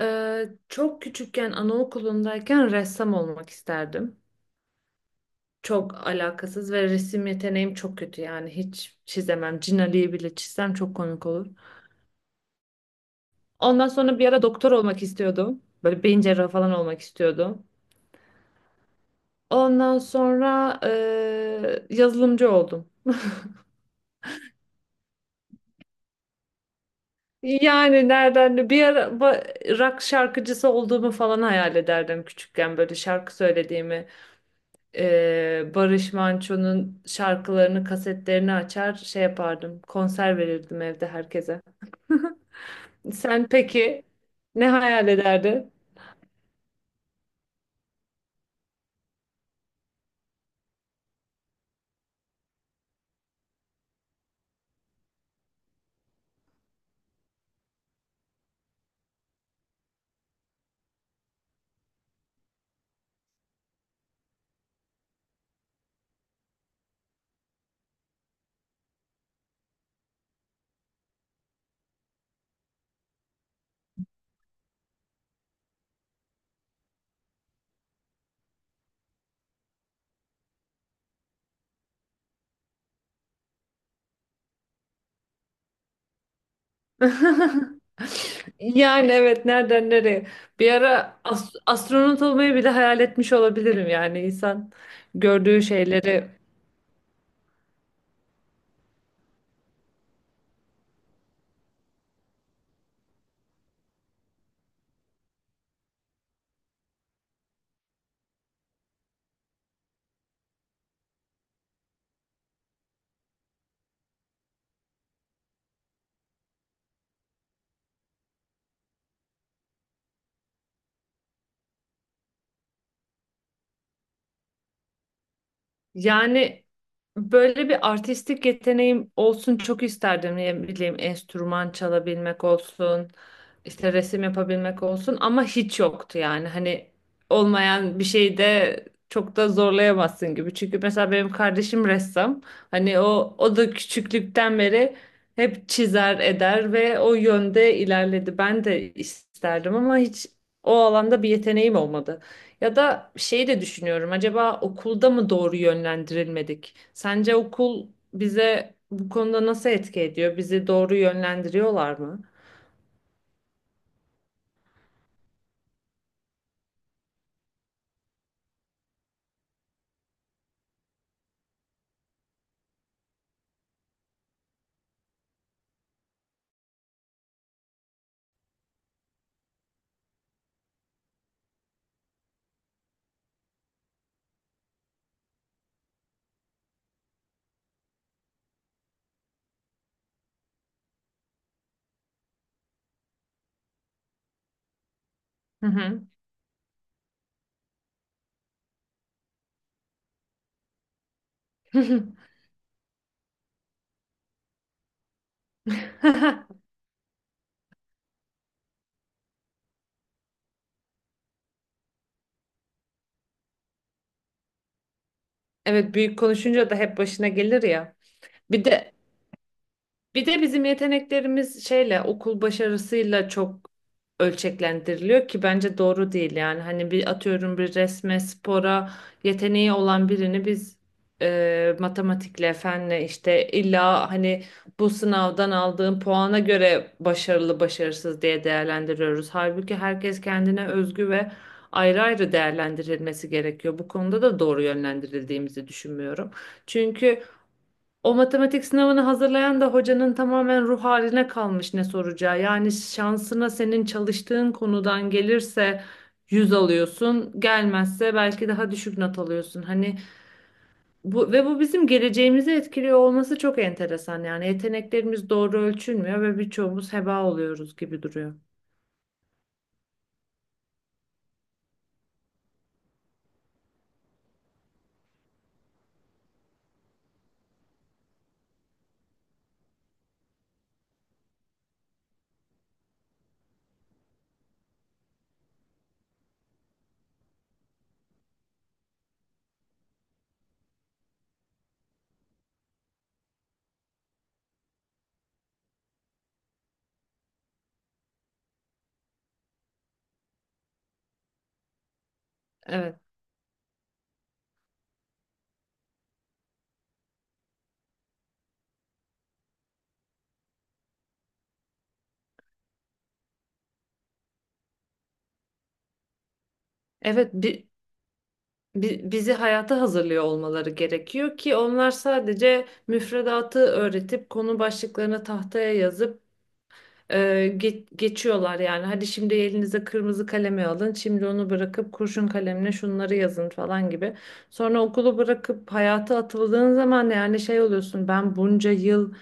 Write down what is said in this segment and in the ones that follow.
Çok küçükken anaokulundayken ressam olmak isterdim. Çok alakasız ve resim yeteneğim çok kötü yani hiç çizemem. Cin Ali'yi bile çizsem çok komik olur. Ondan sonra bir ara doktor olmak istiyordum. Böyle beyin cerrahı falan olmak istiyordum. Ondan sonra yazılımcı oldum. Yani nereden bir ara rock şarkıcısı olduğumu falan hayal ederdim küçükken böyle şarkı söylediğimi. Barış Manço'nun şarkılarını, kasetlerini açar şey yapardım. Konser verirdim evde herkese. Sen peki ne hayal ederdin? Yani evet, nereden nereye? Bir ara astronot olmayı bile hayal etmiş olabilirim, yani insan gördüğü şeyleri. Yani böyle bir artistik yeteneğim olsun çok isterdim. Ne bileyim enstrüman çalabilmek olsun, işte resim yapabilmek olsun, ama hiç yoktu yani. Hani olmayan bir şeyde çok da zorlayamazsın gibi. Çünkü mesela benim kardeşim ressam. Hani o da küçüklükten beri hep çizer eder ve o yönde ilerledi. Ben de isterdim ama hiç o alanda bir yeteneğim olmadı. Ya da şeyi de düşünüyorum. Acaba okulda mı doğru yönlendirilmedik? Sence okul bize bu konuda nasıl etki ediyor? Bizi doğru yönlendiriyorlar mı? Hı hı. Evet, büyük konuşunca da hep başına gelir ya. Bir de Bir de bizim yeteneklerimiz şeyle, okul başarısıyla çok ölçeklendiriliyor ki bence doğru değil. Yani hani bir atıyorum, bir resme, spora yeteneği olan birini biz matematikle, fenle, işte illa hani bu sınavdan aldığın puana göre başarılı başarısız diye değerlendiriyoruz. Halbuki herkes kendine özgü ve ayrı ayrı değerlendirilmesi gerekiyor. Bu konuda da doğru yönlendirildiğimizi düşünmüyorum. Çünkü o matematik sınavını hazırlayan da hocanın tamamen ruh haline kalmış ne soracağı. Yani şansına senin çalıştığın konudan gelirse 100 alıyorsun, gelmezse belki daha düşük not alıyorsun. Hani bu ve bu bizim geleceğimizi etkiliyor olması çok enteresan. Yani yeteneklerimiz doğru ölçülmüyor ve birçoğumuz heba oluyoruz gibi duruyor. Evet. Evet, bizi hayata hazırlıyor olmaları gerekiyor ki, onlar sadece müfredatı öğretip konu başlıklarını tahtaya yazıp Ee, geçiyorlar yani. Hadi şimdi elinize kırmızı kalemi alın. Şimdi onu bırakıp kurşun kalemle şunları yazın falan gibi. Sonra okulu bırakıp hayata atıldığın zaman yani şey oluyorsun. Ben bunca yıl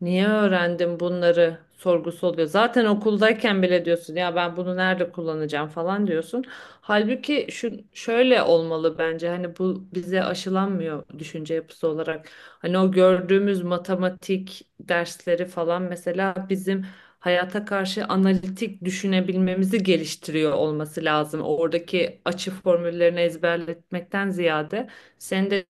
niye öğrendim bunları sorgusu oluyor. Zaten okuldayken bile diyorsun ya, ben bunu nerede kullanacağım falan diyorsun. Halbuki şu şöyle olmalı bence, hani bu bize aşılanmıyor düşünce yapısı olarak. Hani o gördüğümüz matematik dersleri falan mesela bizim hayata karşı analitik düşünebilmemizi geliştiriyor olması lazım. Oradaki açı formüllerini ezberletmekten ziyade, senin de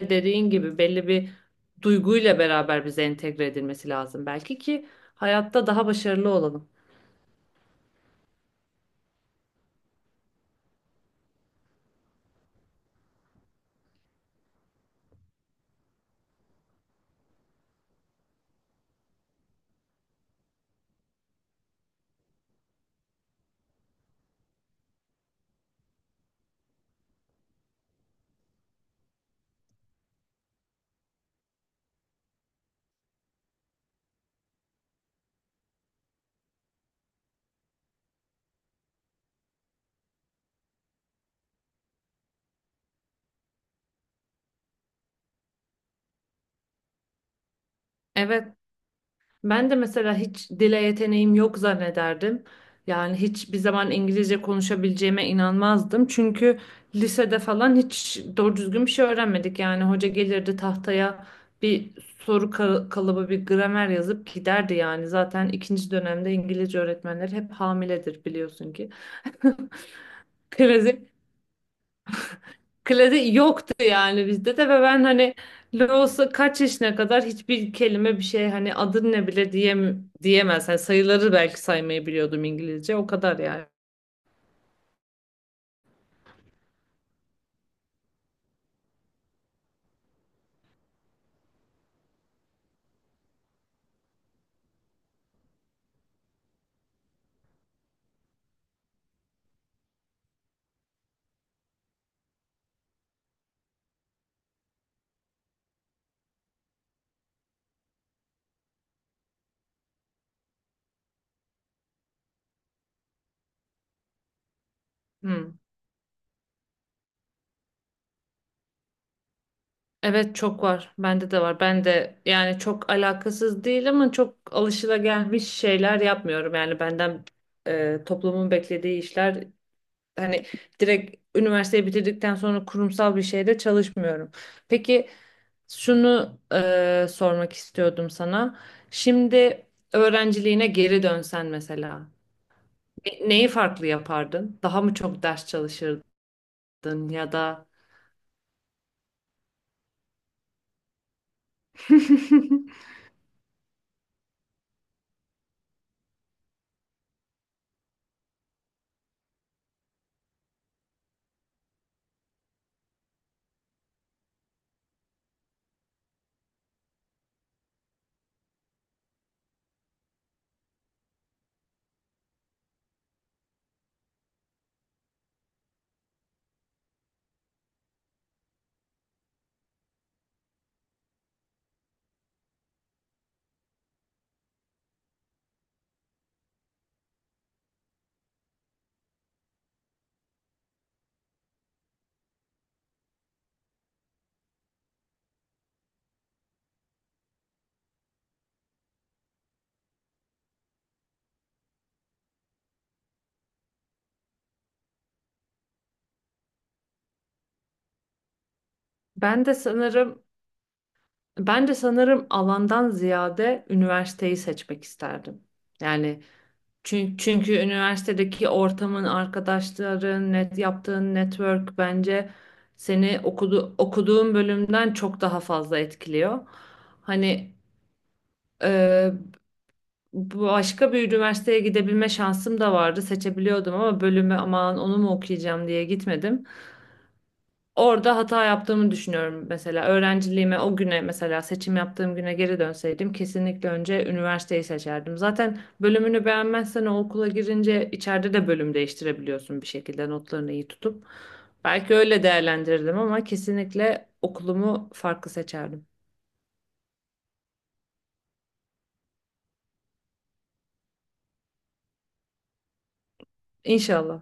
dediğin gibi belli bir duyguyla beraber bize entegre edilmesi lazım belki ki hayatta daha başarılı olalım. Evet, ben de mesela hiç dile yeteneğim yok zannederdim. Yani hiçbir zaman İngilizce konuşabileceğime inanmazdım. Çünkü lisede falan hiç doğru düzgün bir şey öğrenmedik. Yani hoca gelirdi tahtaya bir kalıbı, bir gramer yazıp giderdi yani. Zaten ikinci dönemde İngilizce öğretmenleri hep hamiledir, biliyorsun ki. Klasik. Klasik yoktu yani bizde de, ve ben hani Los'a kaç yaşına kadar hiçbir kelime, bir şey, hani adın ne bile diyemez. Hani sayıları belki saymayı biliyordum İngilizce, o kadar yani. Hmm. Evet, çok var. Bende de var. Ben de yani çok alakasız değil ama çok alışılagelmiş şeyler yapmıyorum. Yani benden toplumun beklediği işler, hani direkt üniversiteyi bitirdikten sonra kurumsal bir şeyde çalışmıyorum. Peki şunu sormak istiyordum sana. Şimdi öğrenciliğine geri dönsen mesela, neyi farklı yapardın? Daha mı çok ders çalışırdın ya da ben de sanırım ben de sanırım alandan ziyade üniversiteyi seçmek isterdim. Yani çünkü üniversitedeki ortamın, arkadaşların, net yaptığın network bence seni okuduğun bölümden çok daha fazla etkiliyor. Hani Ee, başka bir üniversiteye gidebilme şansım da vardı. Seçebiliyordum ama bölümü, aman onu mu okuyacağım diye gitmedim. Orada hata yaptığımı düşünüyorum mesela. Öğrenciliğime o güne, mesela seçim yaptığım güne geri dönseydim, kesinlikle önce üniversiteyi seçerdim. Zaten bölümünü beğenmezsen o okula girince içeride de bölüm değiştirebiliyorsun bir şekilde, notlarını iyi tutup. Belki öyle değerlendirirdim ama kesinlikle okulumu farklı seçerdim. İnşallah.